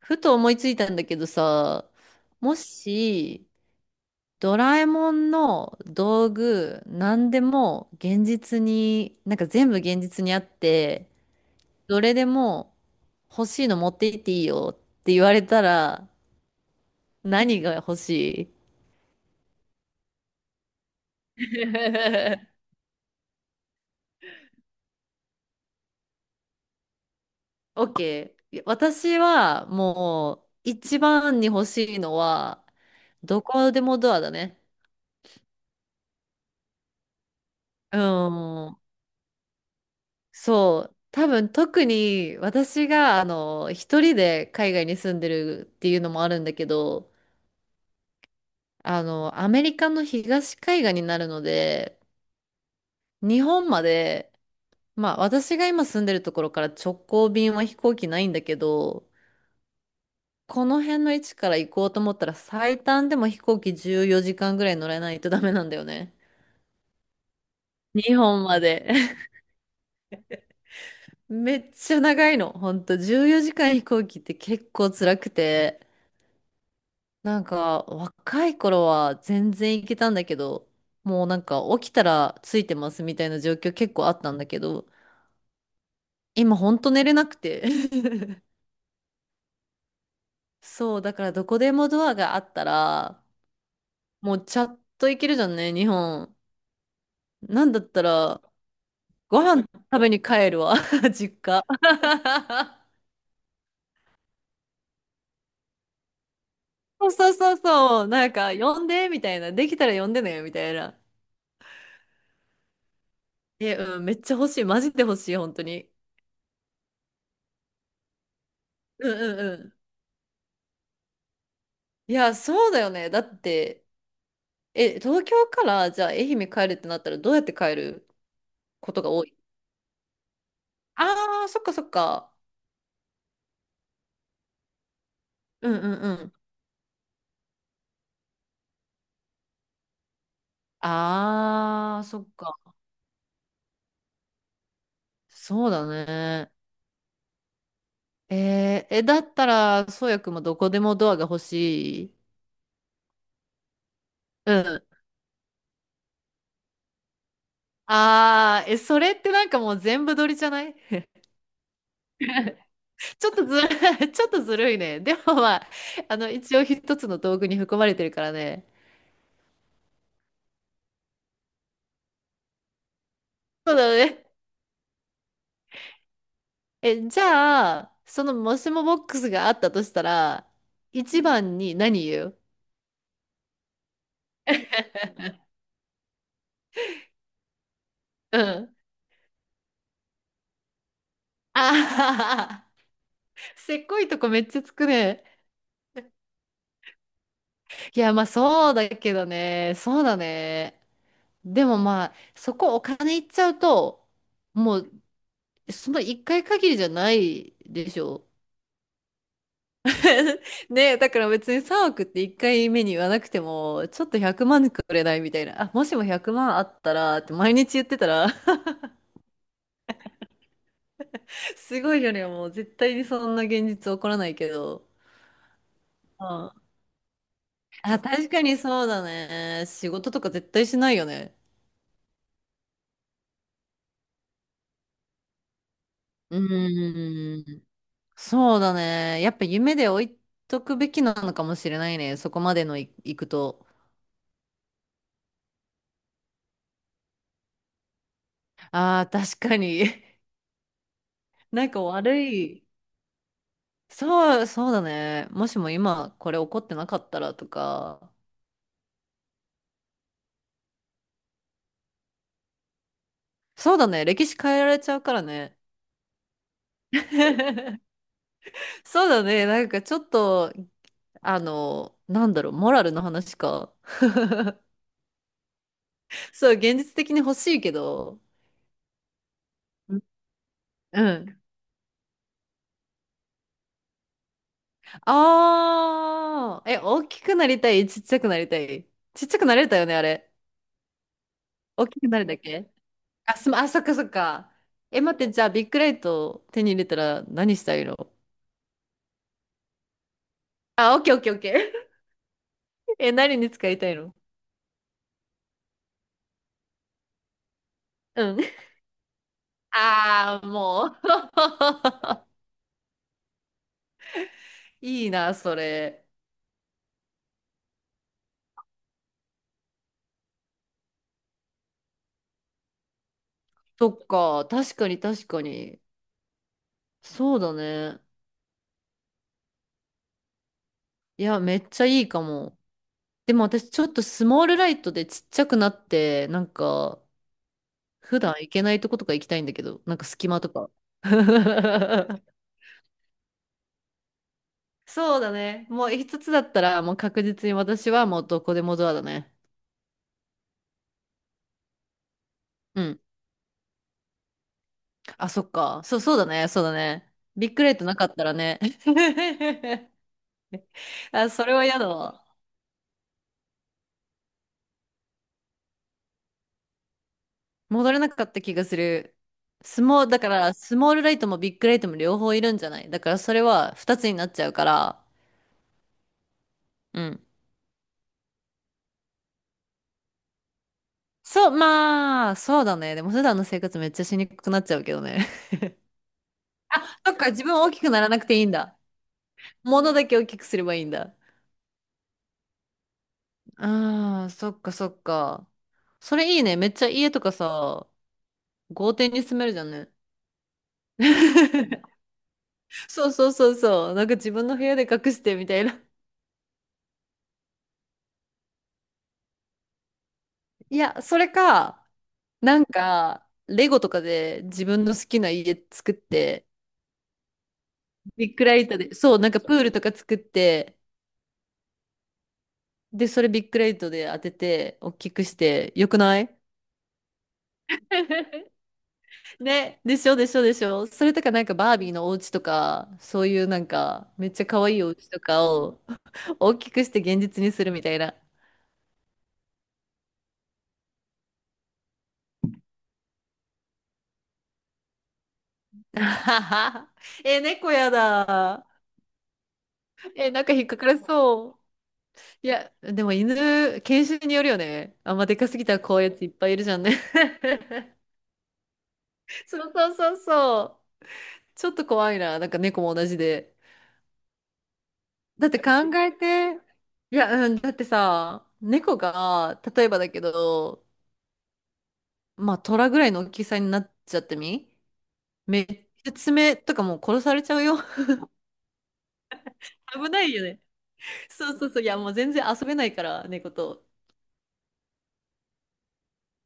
ふと思いついたんだけどさ、もし、ドラえもんの道具、何でも現実に、全部現実にあって、どれでも欲しいの持っていっていいよって言われたら、何が欲しい？ OK。オッケー、私はもう、一番に欲しいのは、どこでもドアだね。うん。そう、多分特に私が一人で海外に住んでるっていうのもあるんだけど、アメリカの東海岸になるので、日本まで、まあ私が今住んでるところから直行便は飛行機ないんだけど、この辺の位置から行こうと思ったら最短でも飛行機14時間ぐらい乗れないとダメなんだよね。日本まで。めっちゃ長いの。ほんと14時間飛行機って結構辛くて。若い頃は全然行けたんだけど、もう起きたらついてますみたいな状況結構あったんだけど、今ほんと寝れなくて。そう、だからどこでもドアがあったら、もうちゃっと行けるじゃんね、日本。なんだったら、ご飯食べに帰るわ、実家。そうそうそうそう、呼んで、みたいな。できたら呼んでね、みたいな。え、うん、めっちゃ欲しい。マジで欲しい、本当に。うんうんうん。いや、そうだよね。だって、え、東京からじゃあ愛媛帰るってなったらどうやって帰ることが多い？ああー、そっかそっか。うんうんうん。ああ、そっか。そうだね。えーえ、だったら、そうやくんもどこでもドアが欲しい。うん。ああ、え、それってなんかもう全部撮りじゃない？ ちょっとずる、ちょっとずるいね。でもまあ、一応一つの道具に含まれてるからね。そうだね。え、じゃあ、そのもしもボックスがあったとしたら、一番に何言う？うん。あははは。せっこいとこめっちゃつくね。いや、まあそうだけどね。そうだね。でもまあ、そこお金いっちゃうと、もう、その一回限りじゃないでしょ。ねえ、だから別に3億って1回目に言わなくても、ちょっと100万くまんくれないみたいな。あ、もしも100万あったらって毎日言ってたらすごいよね。もう絶対にそんな現実起こらないけど。うん。あ、確かにそうだね。仕事とか絶対しないよね。うーん。そうだね。やっぱ夢で置いとくべきなのかもしれないね。そこまでのい、いくと。ああ、確かに。なんか悪い。そう、そうだね。もしも今これ起こってなかったらとか。そうだね。歴史変えられちゃうからね。そうだね。なんかちょっとモラルの話か。そう、現実的に欲しいけど。うん。ああ、え、大きくなりたい、ちっちゃくなりたい。ちっちゃくなれたよね、あれ。大きくなるだけ？あ、そっかそっか。え、待って、じゃあ、ビッグライト手に入れたら何したいの？あ、オッケーオッケーオッケー。え、何に使いたいの？うん。ああ、もう。いいな、それ。そっか、確かに確かに。そうだね。いや、めっちゃいいかも。でも私ちょっとスモールライトでちっちゃくなって、普段行けないとことか行きたいんだけど、なんか隙間とか。そうだね。もう一つだったら、もう確実に私はもうどこでもドアだね。うん。あ、そっか。そう、そうだね。そうだね。ビッグライトなかったらね。あ、それは嫌だわ。戻れなかった気がする。スモー、だから、スモールライトもビッグライトも両方いるんじゃない？だから、それは二つになっちゃうから。うん。そう、まあ、そうだね。でも普段の生活めっちゃしにくくなっちゃうけどね。そっか、自分大きくならなくていいんだ。物だけ大きくすればいいんだ。ああ、そっかそっか。それいいね。めっちゃ家とかさ、豪邸に住めるじゃんね。そうそうそうそう。なんか自分の部屋で隠してみたいな。いや、それか、なんか、レゴとかで自分の好きな家作って、ビックライトで、そう、なんかプールとか作って、で、それビッグレイトで当てて、大きくして、よくない？ ね、でしょでしょでしょ。それとかなんかバービーのお家とか、そういうなんかめっちゃ可愛いお家とかを大きくして現実にするみたいな。あはは。え、猫やだ。え、なんか引っかからそう。いや、でも犬、犬種によるよね。あんまでかすぎたら怖いやついっぱいいるじゃんね。そうそうそうそう。ちょっと怖いな。なんか猫も同じで。だって考えて、いや、うん、だってさ、猫が、例えばだけど、まあ、虎ぐらいの大きさになっちゃってみ、めっちゃ爪とかもう殺されちゃうよ。危ないよね。そうそうそう。いや、もう全然遊べないから、猫と。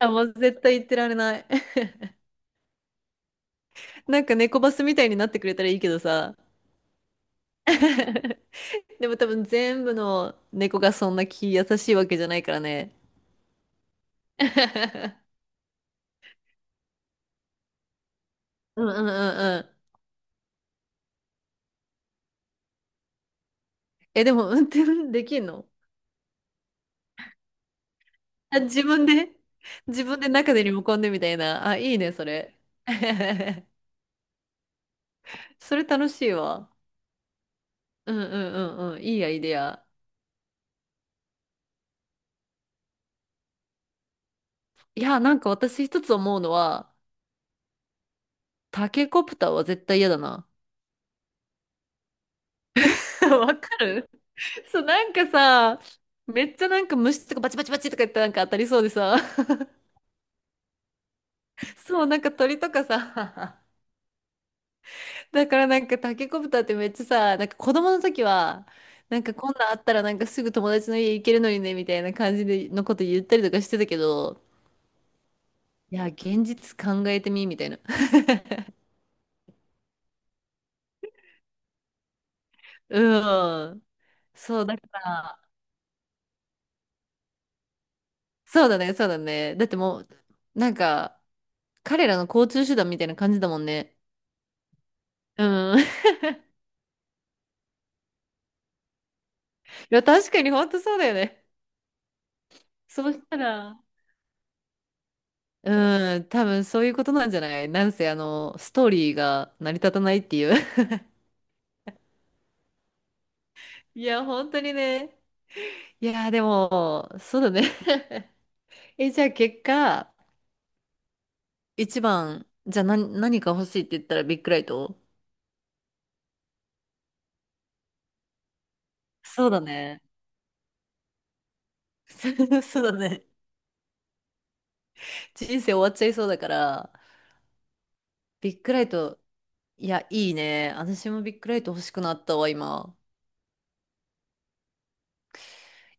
あ、もう絶対言ってられない。なんか猫バスみたいになってくれたらいいけどさ。でも多分全部の猫がそんな気優しいわけじゃないからね。うんうんうんうん。え、でも運転できんの？あ、自分で、自分で中でリモコンでみたいな。あ、いいね、それ。それ楽しいわ。うんうんうんうん。いいアイデア。いや、なんか私一つ思うのは、タケコプターは絶対嫌だな。わかる。そう、なんかさ、めっちゃなんか虫とかバチバチバチとか言ってなんか当たりそうでさ、そう、なんか鳥とかさ、だからなんかタケコプターってめっちゃさ、なんか子供の時は、なんかこんなんあったらなんかすぐ友達の家行けるのにねみたいな感じでのこと言ったりとかしてたけど、いや、現実考えてみみたいな。うん。そう、だから、そうだね、そうだね。だってもう、なんか、彼らの交通手段みたいな感じだもんね。うん。いや、確かに本当そうだよね。そうしたら、うん、多分そういうことなんじゃない、なんせ、あの、ストーリーが成り立たないっていう。いや、本当にね。いや、でも、そうだね。え、じゃあ結果、一番、じゃあ何、何か欲しいって言ったらビッグライト？そうだね。そうだね。人生終わっちゃいそうだから、ビッグライト、いや、いいね。私もビッグライト欲しくなったわ、今。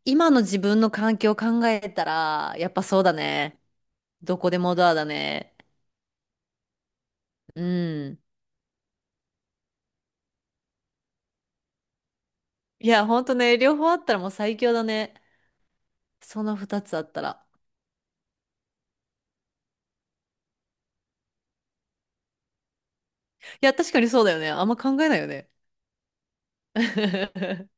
今の自分の環境を考えたら、やっぱそうだね。どこでもドアだね。うん。いや、ほんとね、両方あったらもう最強だね。その二つあったら。いや、確かにそうだよね。あんま考えないよね。